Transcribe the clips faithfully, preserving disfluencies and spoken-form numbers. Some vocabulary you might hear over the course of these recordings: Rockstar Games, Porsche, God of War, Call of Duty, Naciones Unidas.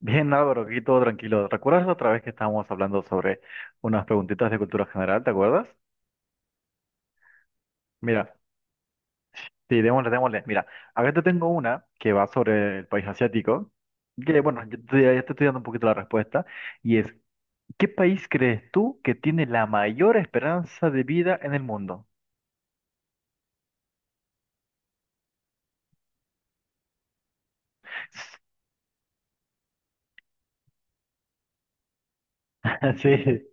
Bien, Álvaro, aquí todo tranquilo. ¿Recuerdas la otra vez que estábamos hablando sobre unas preguntitas de cultura general? ¿Te acuerdas? Mira, sí, démosle, démosle. Mira, acá te tengo una que va sobre el país asiático, que bueno, yo te, ya te estoy dando un poquito la respuesta, y es, ¿qué país crees tú que tiene la mayor esperanza de vida en el mundo? Sí,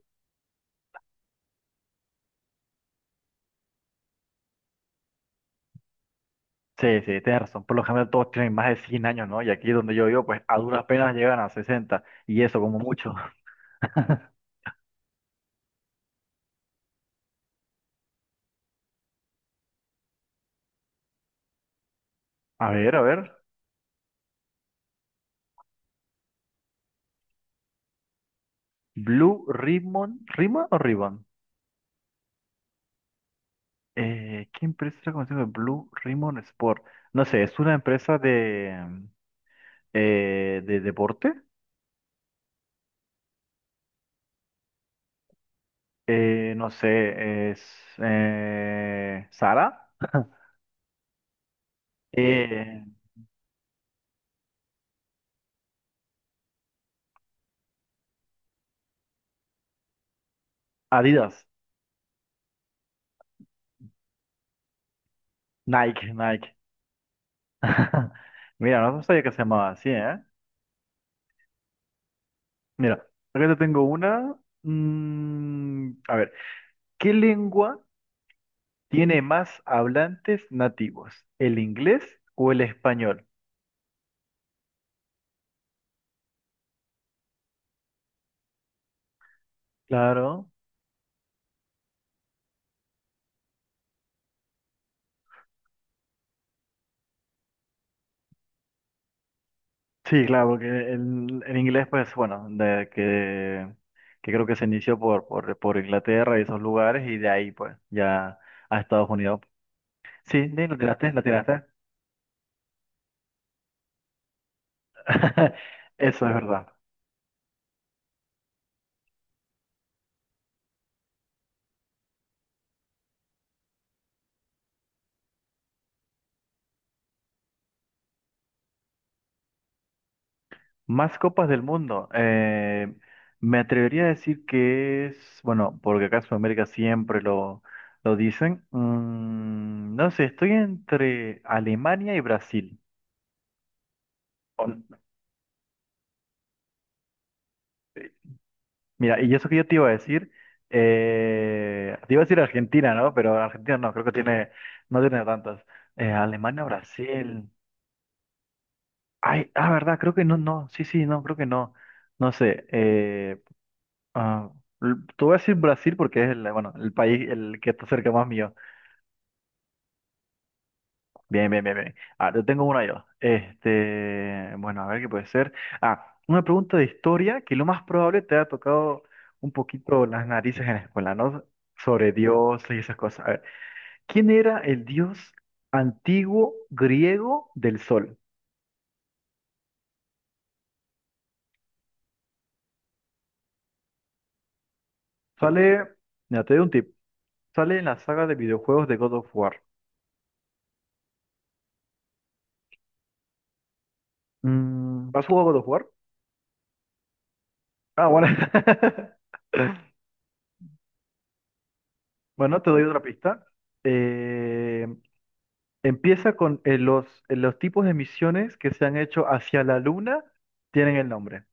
sí, sí, tienes razón. Por lo general todos tienen más de cien años, ¿no? Y aquí donde yo vivo, pues a duras penas llegan a sesenta y eso como mucho. A ver, a ver. Blue Ribbon, ¿Ribbon o Ribbon? Eh, ¿qué empresa era conocida como Blue Ribbon Sport? No sé, es una empresa de, eh, de deporte. Eh, no sé, es eh, Zara. Eh, Adidas, Nike, Nike. Mira, no no sabía que se llamaba así, ¿eh? Mira, acá te tengo una. Mm, a ver, ¿qué lengua tiene más hablantes nativos? ¿El inglés o el español? Claro. Sí, claro, porque el, el inglés, pues bueno, de que, que creo que se inició por, por, por Inglaterra y esos lugares, y de ahí pues ya a Estados Unidos. Sí, sí, lo tiraste, lo tiraste. Eso es verdad. Más copas del mundo. Eh, me atrevería a decir que es, bueno, porque acá en Sudamérica siempre lo, lo dicen. Mm, no sé, estoy entre Alemania y Brasil. Mira, y eso que yo te iba a decir, eh, te iba a decir Argentina, ¿no? Pero Argentina no, creo que tiene, no tiene tantas. Eh, Alemania, Brasil. Ay, ah, verdad, creo que no, no, sí, sí, no, creo que no. No sé, eh, ah, l- te voy a decir Brasil porque es el, bueno, el país el que está cerca más mío. Bien, bien, bien, bien. Ah, yo tengo una yo. Este, bueno, a ver qué puede ser. Ah, una pregunta de historia que lo más probable te ha tocado un poquito las narices en la escuela, ¿no? Sobre dioses y esas cosas. A ver, ¿quién era el dios antiguo griego del sol? Sale, mira, te doy un tip. Sale en la saga de videojuegos de God of War. Mm, ¿has jugado God of War? Ah, bueno. Bueno, te doy otra pista. Eh, Empieza con eh, los, eh, los tipos de misiones que se han hecho hacia la luna, tienen el nombre.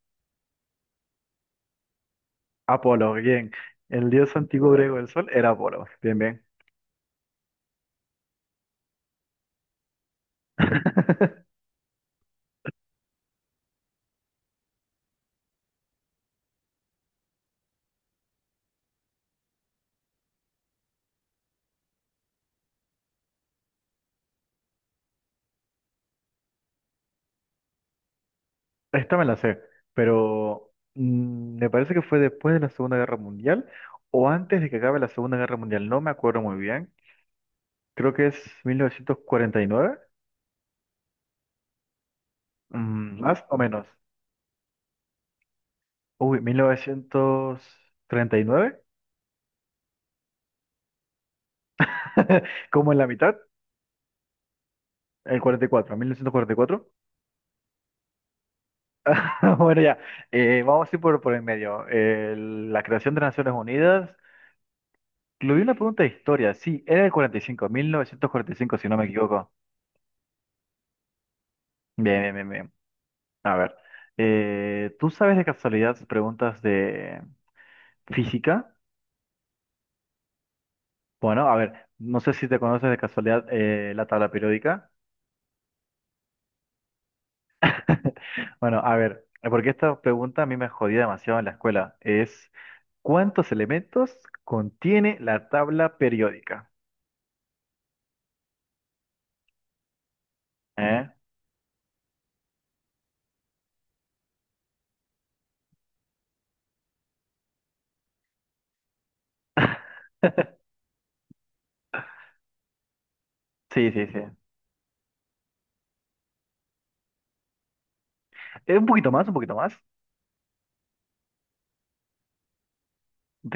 Apolo, bien. El dios antiguo griego del sol era Apolo. Bien, bien. Esta me la sé, pero mm, me parece que fue después de la Segunda Guerra Mundial o antes de que acabe la Segunda Guerra Mundial. No me acuerdo muy bien. Creo que es mil novecientos cuarenta y nueve, mm, más o menos. Uy, mil novecientos treinta y nueve, como en la mitad, el cuarenta y cuatro, mil novecientos cuarenta y cuatro. Bueno, ya, Eh, vamos a ir por, por el medio. Eh, la creación de Naciones Unidas. Incluí una pregunta de historia. Sí, era el cuarenta y cinco, mil novecientos cuarenta y cinco, si no me equivoco. Bien, bien, bien, bien. A ver, eh, ¿tú sabes de casualidad preguntas de física? Bueno, a ver, no sé si te conoces de casualidad, eh, la tabla periódica. Bueno, a ver, porque esta pregunta a mí me jodía demasiado en la escuela. Es, ¿cuántos elementos contiene la tabla periódica? ¿Eh? Sí, sí, sí. Es un poquito más, un poquito más.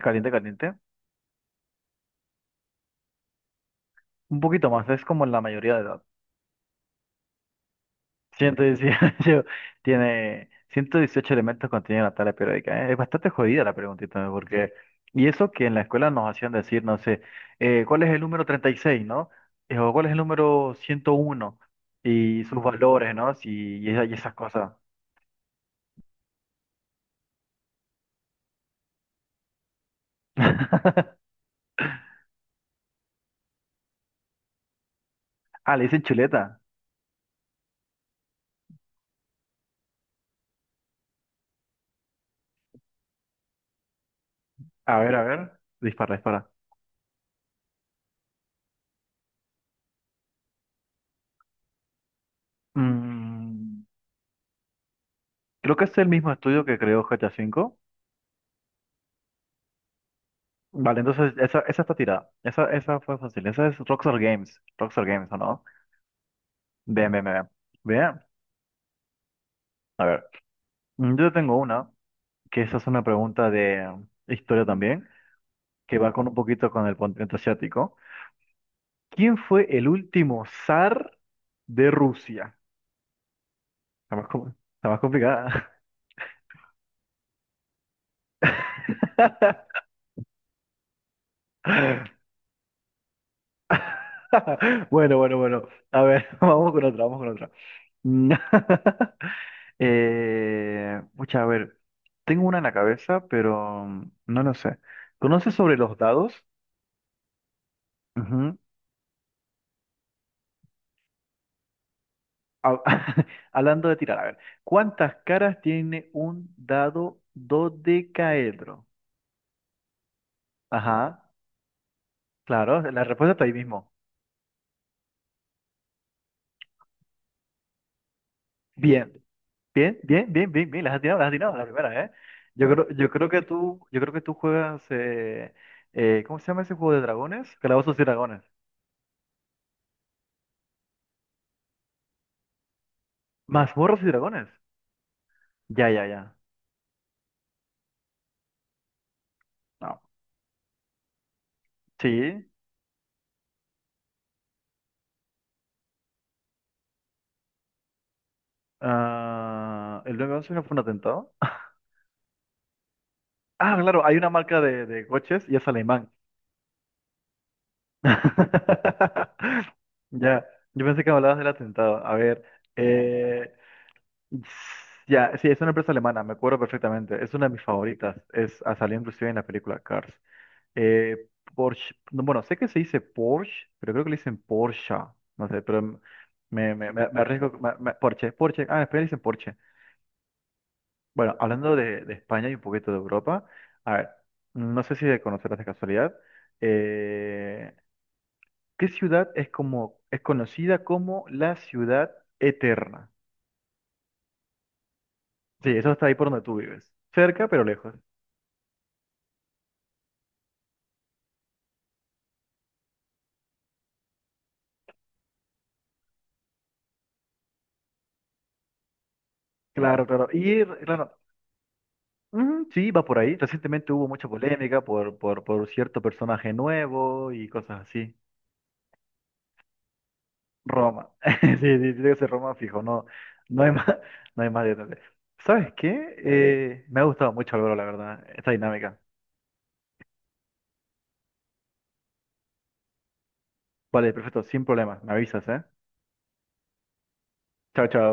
Caliente, caliente. Un poquito más, es como la mayoría de edad. Ciento dieciocho, tiene ciento dieciocho elementos contiene la tabla periódica. ¿Eh? Es bastante jodida la preguntita, ¿no? Porque... Y eso que en la escuela nos hacían decir, no sé, eh, ¿cuál es el número treinta y seis, no? Eh, ¿O cuál es el número ciento uno y sus valores, no? Sí, y, esa- y esas cosas. Ah, le dicen chuleta. A ver, a ver. Dispara, dispara. Mm, Creo que es el mismo estudio que creó G T A cinco. Vale, entonces esa, esa está tirada. Esa, esa fue fácil. Esa es Rockstar Games. Rockstar Games, ¿o no? Bien, bien, bien. Bien. A ver, mm, yo tengo una, que esa es una pregunta de, eh, historia también, que va con un poquito con el continente asiático. ¿Quién fue el último zar de Rusia? Está más, com- Está más complicada. Bueno, bueno, bueno. A ver, vamos con otra, vamos con otra. Mm, eh, pucha, a ver, tengo una en la cabeza, pero mm, no lo sé. ¿Conoces sobre los dados? Ujú. Ha- Hablando de tirar, a ver, ¿cuántas caras tiene un dado dodecaedro? Ajá, claro, la respuesta está ahí mismo. Bien, bien, bien, bien, bien, bien, las has atinado, las has atinado, la primera, ¿eh? Yo creo, yo creo que tú, yo creo que tú juegas, eh, eh, ¿cómo se llama ese juego de dragones? Calabozos y dragones. Mazmorras y dragones. Ya, ya, ya. No. Sí. Ah, ¿el nueve once no fue un atentado? Ah, claro, hay una marca de, de coches y es alemán. Ya, yo pensé que hablabas del atentado. A ver, eh, ya, sí, es una empresa alemana, me acuerdo perfectamente. Es una de mis favoritas. Es, ah, salió inclusive en la película Cars. Eh, Porsche, no, bueno, sé que se dice Porsche, pero creo que le dicen Porsche, no sé, pero m- me, me, me, me arriesgo, me- me- Porsche, Porsche, ah, en España le dicen Porsche. Bueno, hablando de, de España y un poquito de Europa, a ver, no sé si de conocerás de casualidad, eh, ¿qué ciudad es como, es conocida como la ciudad eterna? Sí, eso está ahí por donde tú vives, cerca pero lejos. Claro, claro, y r- claro. Mm, sí, va por ahí. Recientemente hubo mucha polémica por, por, por cierto personaje nuevo y cosas así. Roma. Sí, sí, tiene que ser Roma fijo, no, no hay más, no hay más detalles. ¿Sabes qué? Eh, me ha gustado mucho, Álvaro, la verdad, esta dinámica. Vale, perfecto, sin problema. Me avisas, ¿eh? Chao, chao.